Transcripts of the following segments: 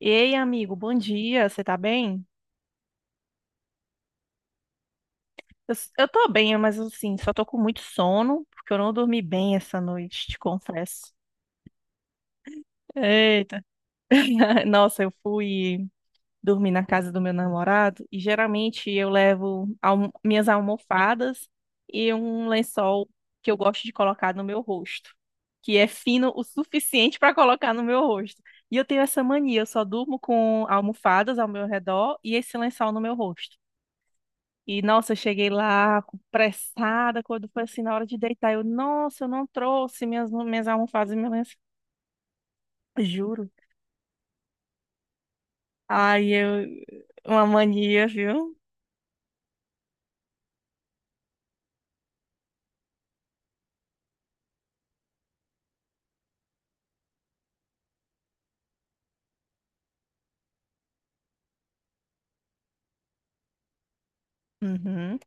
Ei, amigo, bom dia, você tá bem? Eu tô bem, mas assim, só tô com muito sono, porque eu não dormi bem essa noite, te confesso. Eita. Nossa, eu fui dormir na casa do meu namorado e geralmente eu minhas almofadas e um lençol que eu gosto de colocar no meu rosto, que é fino o suficiente para colocar no meu rosto. E eu tenho essa mania, eu só durmo com almofadas ao meu redor e esse lençol no meu rosto. E, nossa, eu pressada, quando foi assim, na hora de deitar, eu, nossa, eu não trouxe minhas almofadas e minhas... Juro. Ai, eu... Uma mania, viu? Uhum,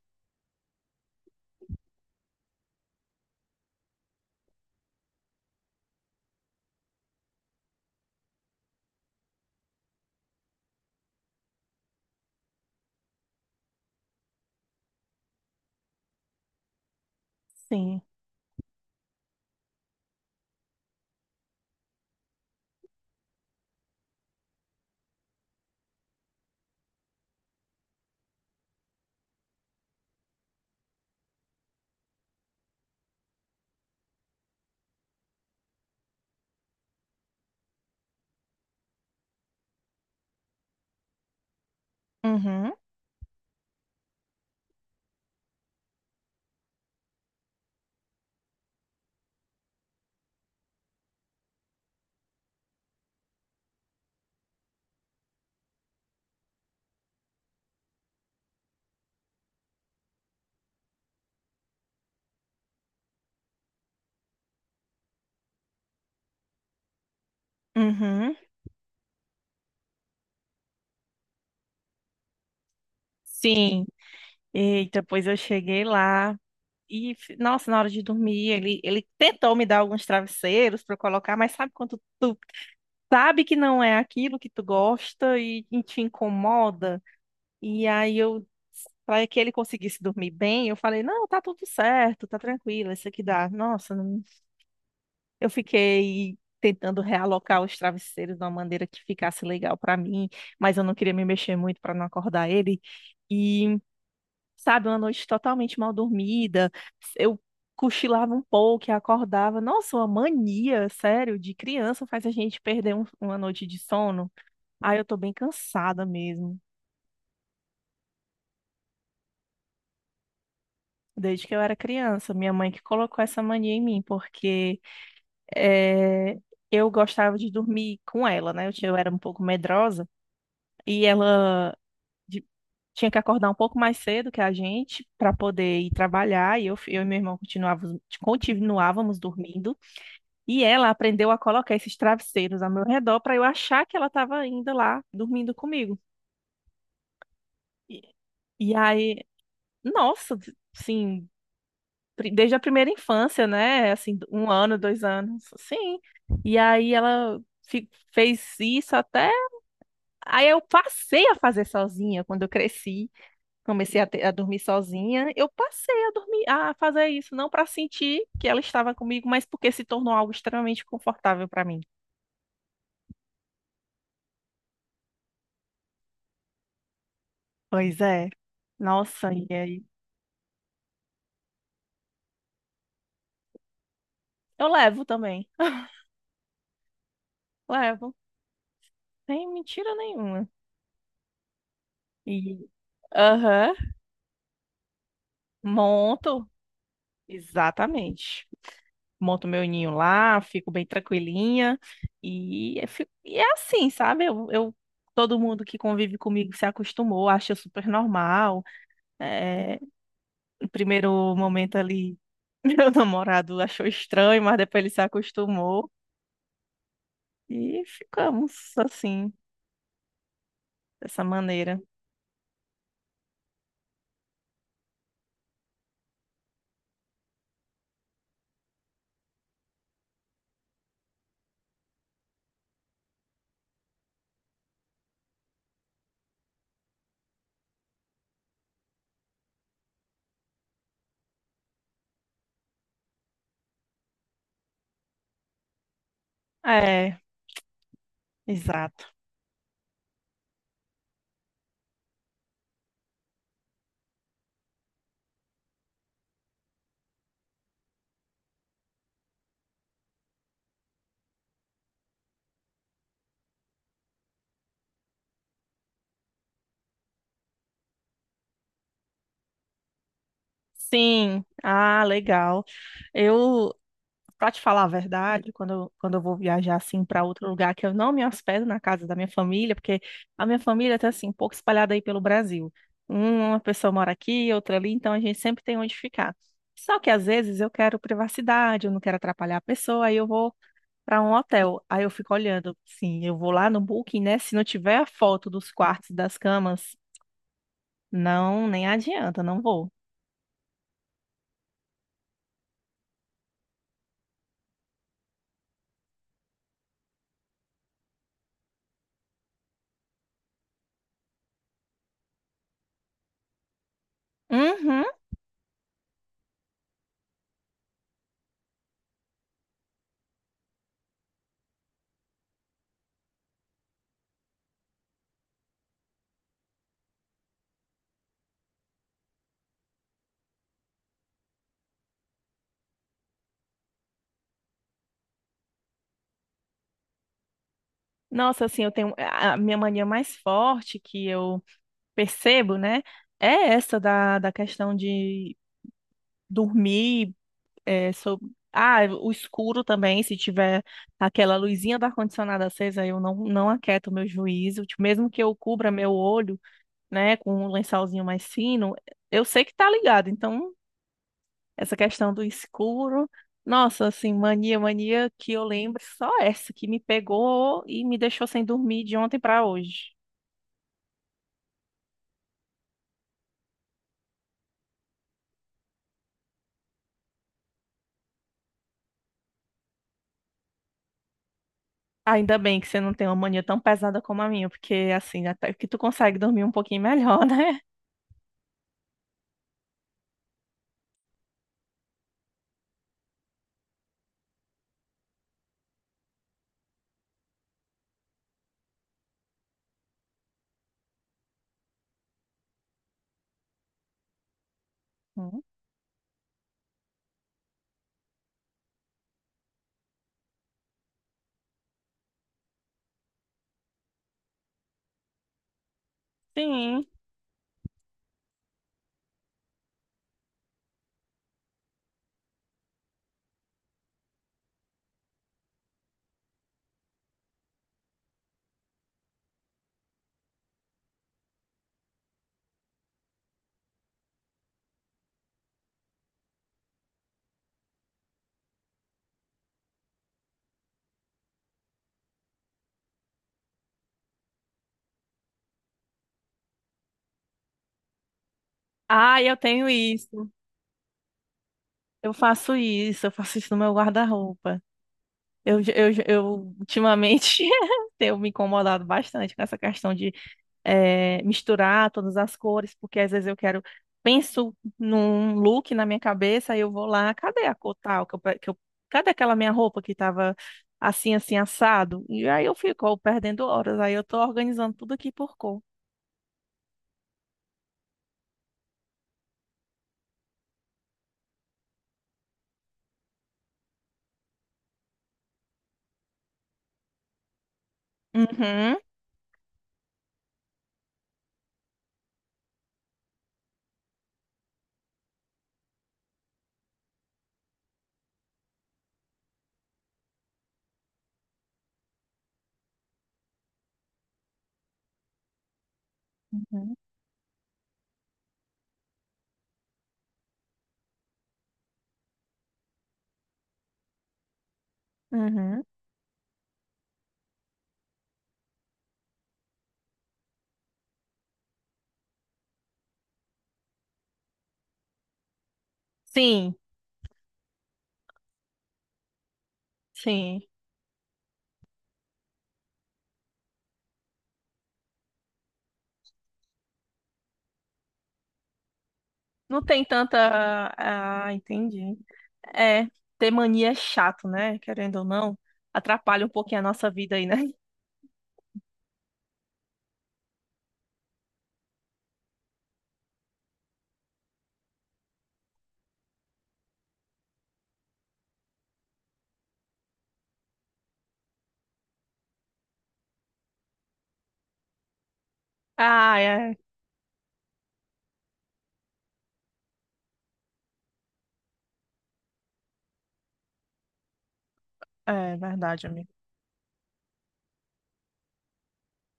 sim. Uhum, uhum. Sim. Eita, pois eu cheguei lá. Nossa, na hora de dormir, ele tentou me dar alguns travesseiros para colocar, mas sabe quando tu sabe que não é aquilo que tu gosta e te incomoda? E aí eu, para que ele conseguisse dormir bem, eu falei: não, tá tudo certo, tá tranquilo, isso aqui dá. Nossa, não- Eu fiquei. Tentando realocar os travesseiros de uma maneira que ficasse legal para mim, mas eu não queria me mexer muito para não acordar ele, sabe, uma noite totalmente mal dormida. Eu cochilava um pouco e acordava. Nossa, uma mania, sério, de criança faz a gente uma noite de sono. Aí eu tô bem cansada mesmo. Desde que eu era criança, minha mãe que colocou essa mania em mim, porque eh, eu gostava de dormir com ela, né? Eu era um pouco medrosa e de- tinha que acordar um pouco mais cedo que a gente para poder ir trabalhar. Eu e meu irmão continuávamos dormindo. E ela aprendeu a colocar esses travesseiros ao meu redor para eu achar que ela estava ainda lá dormindo comigo. E, e aí, Nossa, assim, desde a primeira infância, né? Assim, um ano, dois anos, sim. E aí ela fez isso até. Aí eu passei a fazer sozinha quando eu cresci. A dormir sozinha. Eu passei a dormir, a fazer isso, não para sentir que ela estava comigo, mas porque se tornou algo extremamente confortável para mim. Pois é. Nossa, e aí? Eu levo também. Levo. Sem mentira nenhuma. E aham, monto. Exatamente. Monto meu ninho lá, fico bem tranquilinha. E é assim, sabe? Todo mundo que convive comigo se acostumou, acha super normal. É, no primeiro momento ali, meu namorado achou estranho, mas depois ele se acostumou. E ficamos assim, dessa maneira. É, exato. Sim, ah, legal. Eu, pra te falar a verdade, quando quando eu vou viajar assim para outro lugar que eu não me hospedo na casa da minha família, porque a minha família tá assim, um pouco espalhada aí pelo Brasil. Uma pessoa mora aqui, outra ali, então a gente sempre tem onde ficar. Só que às vezes eu quero privacidade, eu não quero atrapalhar a pessoa, aí eu vou para um hotel. Aí eu fico olhando, sim, eu vou lá no Booking, né? Se não tiver a foto dos quartos, das camas, não, nem adianta, não vou. Uhum. Nossa, assim, eu tenho a minha mania mais forte que eu percebo, né? É essa da questão de dormir, é, sob- ah, o escuro também, se tiver aquela luzinha do ar-condicionado acesa, eu não aquieto o meu juízo, tipo, mesmo que eu cubra meu olho, né, com um lençolzinho mais fino, eu sei que tá ligado, então essa questão do escuro, nossa, assim, mania que eu lembro, só essa que me pegou e me deixou sem dormir de ontem pra hoje. Ainda bem que você não tem uma mania tão pesada como a minha, porque assim, até que tu consegue dormir um pouquinho melhor, né? Hum, sim. Ah, eu tenho isso. Eu faço isso, eu faço isso no meu guarda-roupa. Eu ultimamente tenho me incomodado bastante com essa questão de misturar todas as cores, porque às vezes eu quero, penso num look na minha cabeça, aí eu vou lá, cadê a cor tal? Que eu, pe- que eu- Cadê aquela minha roupa que estava assim, assim, assado? E aí eu fico "Oh, perdendo horas, aí eu tô organizando tudo aqui por cor. Uhum, uhum, uhum. Sim, sim. Não tem tanta. Ah, entendi. É, ter mania é chato, né? Querendo ou não, atrapalha um pouquinho a nossa vida aí, né? Ah, é, é verdade, amigo.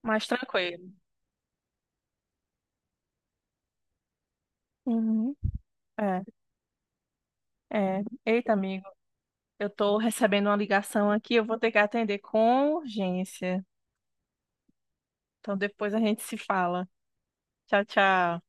Mais tranquilo. Uhum. É, é. Eita, amigo, eu tô recebendo uma ligação aqui, eu vou ter que atender com urgência. Então depois a gente se fala. Tchau, tchau.